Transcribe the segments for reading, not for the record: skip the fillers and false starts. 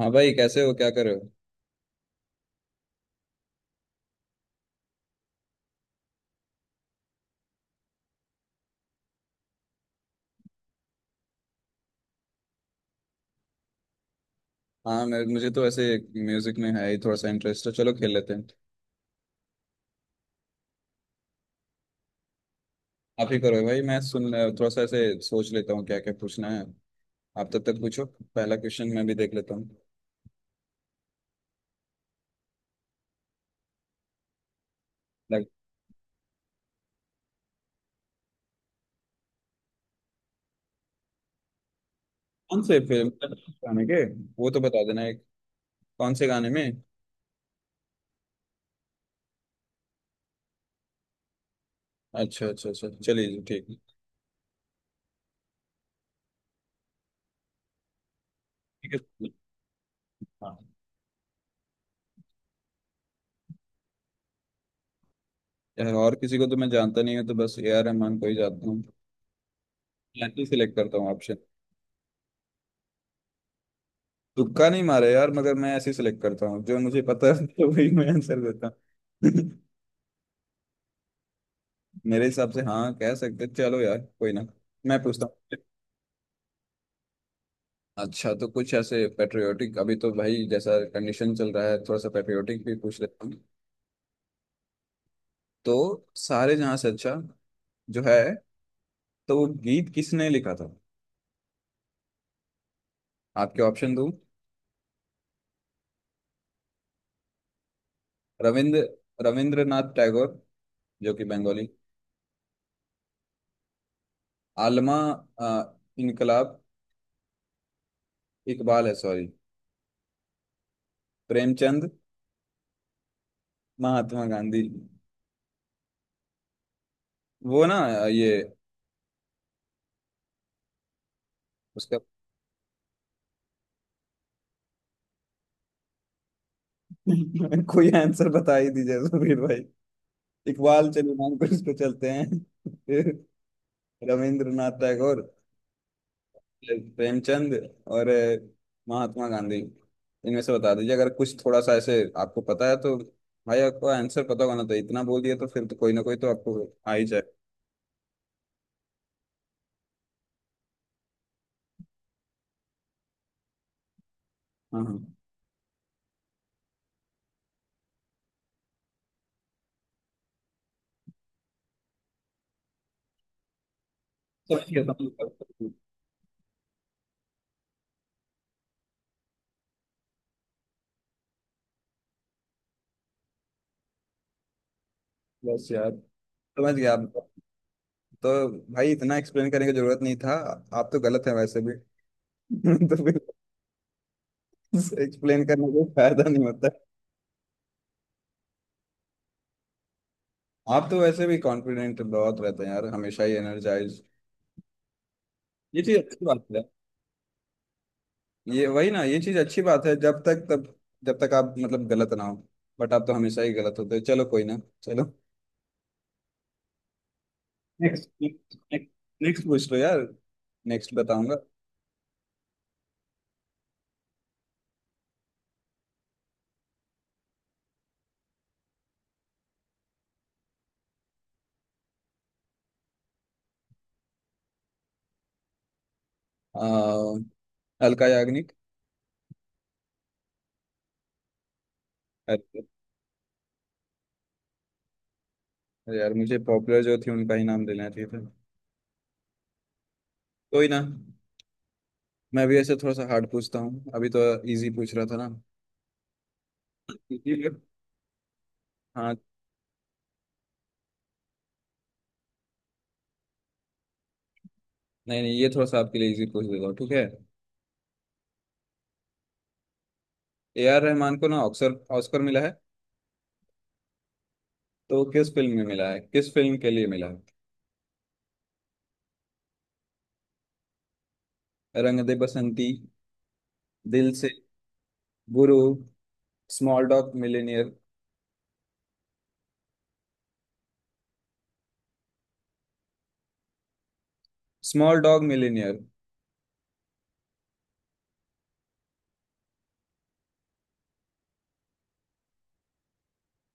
हाँ भाई, कैसे हो? क्या कर रहे हो? हाँ, मैं मुझे तो ऐसे म्यूजिक में है ही, थोड़ा सा इंटरेस्ट है। चलो खेल लेते हैं। आप ही करो भाई, मैं सुन, थोड़ा सा ऐसे सोच लेता हूँ क्या क्या पूछना है। आप तब तक पूछो, पहला क्वेश्चन मैं भी देख लेता हूँ। लाइक कौन से फिल्म गाने के, वो तो बता देना एक, कौन से गाने में। अच्छा अच्छा अच्छा, चलिए जी, ठीक ठीक है। हाँ यार, और किसी को तो मैं जानता नहीं हूँ, तो बस ए आर रहमान को ही जानता हूँ। मैं ऐसे सिलेक्ट करता हूँ ऑप्शन। तुक्का नहीं मारा यार, मगर मैं ऐसे सिलेक्ट करता हूँ जो मुझे पता है तो वही मैं आंसर देता हूँ मेरे हिसाब से हाँ, कह सकते। चलो यार, कोई ना, मैं पूछता हूँ। अच्छा, तो कुछ ऐसे पेट्रियोटिक, अभी तो भाई जैसा कंडीशन चल रहा है, थोड़ा सा पेट्रियोटिक भी पूछ लेता हूँ। तो सारे जहाँ से अच्छा जो है, तो वो गीत किसने लिखा था? आपके ऑप्शन दूँ। रविंद्र रविंद्रनाथ टैगोर जो कि बंगाली आलमा, अ, इनकलाब, इकबाल है सॉरी, प्रेमचंद, महात्मा गांधी। वो ना, ये उसका कोई आंसर बता ही दीजिए सुबीर भाई। इकबाल चलो, नाम को इसको चलते हैं फिर। रविंद्रनाथ टैगोर, फिर प्रेमचंद, और महात्मा गांधी। इनमें से बता दीजिए, अगर कुछ थोड़ा सा ऐसे आपको पता है तो। भाई आपको आंसर पता होना चाहिए, इतना बोल दिया तो फिर तो कोई ना कोई तो आपको आ ही जाए। हाँ हाँ, सब ठीक है, सब ठीक है। बस यार, समझ गया आप, तो भाई इतना एक्सप्लेन करने की जरूरत नहीं था। आप तो गलत है वैसे भी तो फिर एक्सप्लेन करने का फायदा नहीं होता। आप तो वैसे भी कॉन्फिडेंट बहुत रहते हैं यार, हमेशा ही एनर्जाइज। ये चीज अच्छी बात है। ये वही ना, ये चीज अच्छी बात है जब तक, तब जब तक आप मतलब गलत ना हो। बट आप तो हमेशा ही गलत होते हो, चलो कोई ना, चलो। नेक्स्ट नेक्स्ट नेक्स्ट पूछ लो यार, नेक्स्ट बताऊंगा। आ, अलका याग्निक। अरे, अरे यार, मुझे पॉपुलर जो थी उनका ही नाम लेना चाहिए था। कोई ना, मैं भी ऐसे थोड़ा सा हार्ड पूछता हूँ अभी तो, इजी पूछ रहा था ना। इजी, हाँ। नहीं नहीं, ये थोड़ा सा आपके लिए इजी पूछ देता हूँ, ठीक है। ए आर रहमान को ना ऑक्सर, ऑस्कर मिला है, तो किस फिल्म में मिला है, किस फिल्म के लिए मिला है? रंग De Basanti, Dil Se, Guru, small dog millionaire. Small dog millionaire.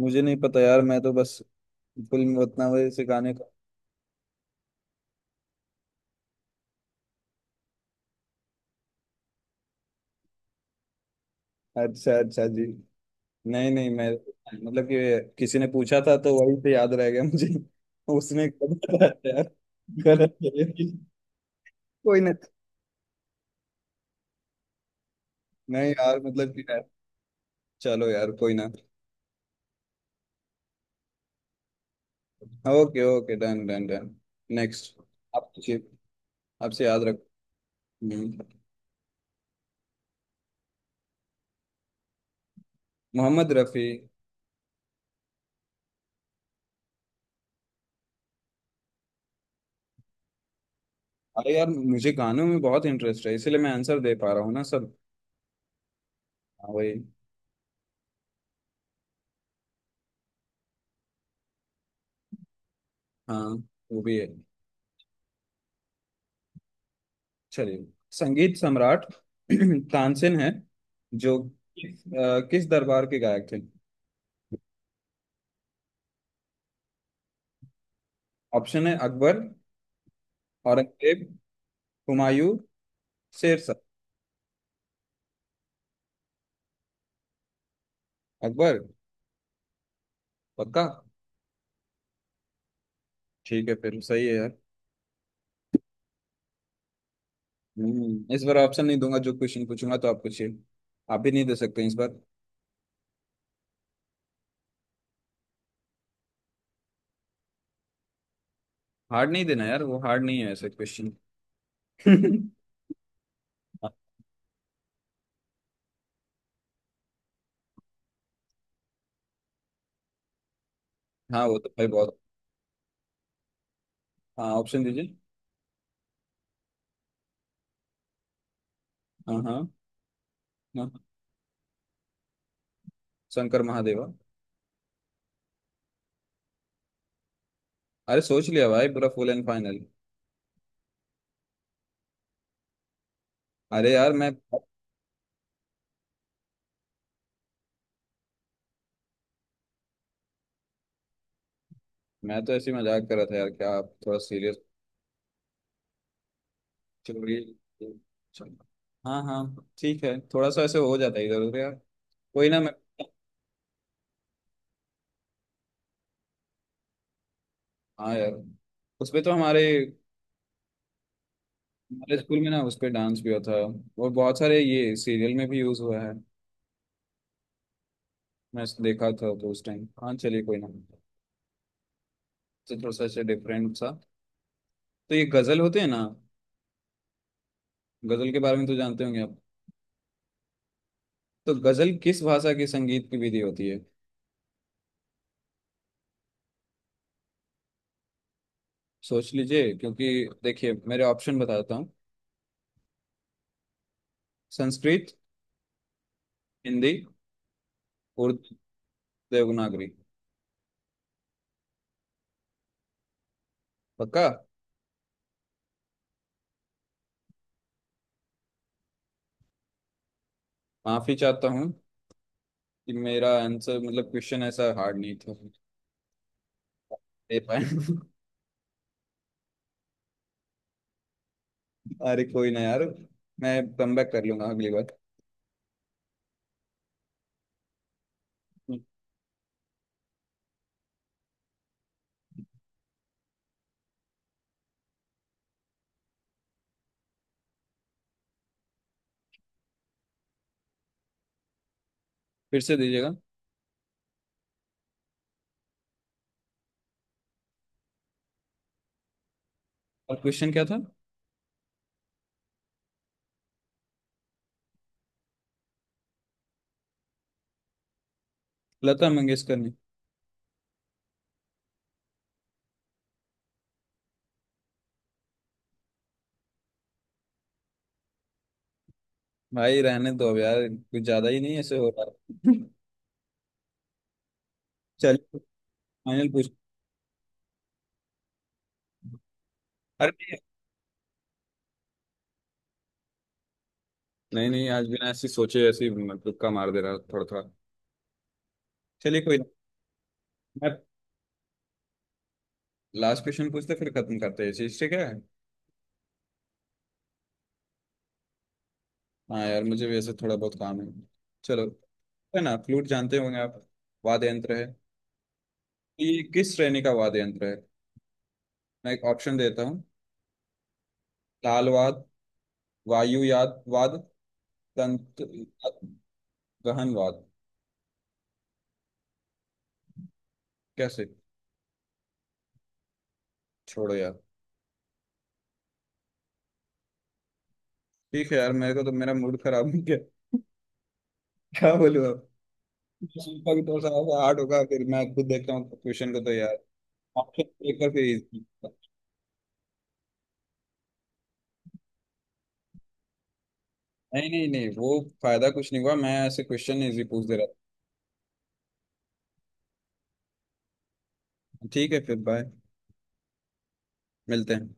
मुझे नहीं पता यार, मैं तो बस फुल में उतना वजह से गाने का। अच्छा अच्छा जी, नहीं नहीं मैं, मतलब कि किसी ने पूछा था तो वही से याद रह गया मुझे उसने कहा था यार, गलत है। कोई ना। नहीं यार, मतलब कि यार, चलो यार कोई ना। Okay okay, done done done. Next आप पूछिए, आपसे याद रख। हम्म। मोहम्मद रफी। अरे यार, मुझे गानों में बहुत इंटरेस्ट है, इसीलिए मैं आंसर दे पा रहा हूँ ना सर। हाँ वही। हाँ, वो भी है। चलिए, संगीत सम्राट तानसेन है जो, किस किस दरबार के गायक थे? ऑप्शन है अकबर, औरंगजेब, हुमायूं, शेरशाह। अकबर पक्का? ठीक है फिर, सही है यार। हम्म, इस बार ऑप्शन नहीं दूंगा जो क्वेश्चन पूछूंगा, तो आप पूछिए, आप भी नहीं दे सकते इस बार। हार्ड नहीं देना यार, वो हार्ड नहीं है ऐसे क्वेश्चन हाँ वो तो भाई बहुत, हाँ ऑप्शन दीजिए। हाँ, हाँ, हाँ, शंकर महादेवा। अरे सोच लिया भाई, पूरा फुल एंड फाइनल। अरे यार मैं तो ऐसे ही मजाक कर रहा था यार, क्या आप थोड़ा सीरियस। चलिए, चलो। हाँ हाँ, ठीक है, थोड़ा सा ऐसे हो जाता है इधर उधर यार। कोई ना मैं, हाँ यार, उस पे तो हमारे, हमारे स्कूल में ना उस पे डांस भी होता है, और बहुत सारे ये सीरियल में भी यूज हुआ है। मैं इस- देखा था तो उस टाइम, हाँ चलिए कोई ना। तो थोड़ा सा ऐसे डिफरेंट सा, तो ये गजल होते हैं ना, गजल के बारे में तो जानते होंगे आप। तो गजल किस भाषा की संगीत की विधि होती है? सोच लीजिए क्योंकि, देखिए मेरे ऑप्शन बताता हूँ। संस्कृत, हिंदी, उर्दू, देवनागरी। पक्का? माफी चाहता हूँ कि मेरा आंसर, मतलब क्वेश्चन ऐसा हार्ड नहीं था दे पाए अरे कोई ना यार, मैं कम बैक कर लूंगा अगली बार। फिर से दीजिएगा, और क्वेश्चन क्या था? लता मंगेशकर ने। भाई रहने दो अब यार, कुछ ज्यादा ही नहीं ऐसे हो रहा है चलिए फाइनल पूछ। अरे नहीं नहीं, आज बिना ऐसी सोचे ऐसी मतलब का मार दे रहा, थोड़ा थोड़ा चलिए कोई ना। मैं लास्ट क्वेश्चन पूछते फिर खत्म करते हैं, ये चीज ठीक है। हाँ यार, मुझे वैसे थोड़ा बहुत काम है, चलो। है ना, फ्लूट जानते होंगे आप, वाद्य यंत्र है। तो ये किस श्रेणी का वाद्य यंत्र है? मैं एक ऑप्शन देता हूँ। ताल वाद, वायु याद वाद, तंत्र, गहन वाद। कैसे? छोड़ो यार। ठीक है यार, मेरे को तो मेरा मूड खराब हो गया, क्या बोलूँ अब। सुनता भी थोड़ा सा हार्ड होगा, फिर मैं खुद देखता हूँ क्वेश्चन को तो यार, ऑप्शन देखकर फिर easy। नहीं नहीं नहीं, वो फायदा कुछ नहीं हुआ, मैं ऐसे क्वेश्चन इजी पूछ दे रहा था। ठीक है फिर, बाय। मिलते हैं।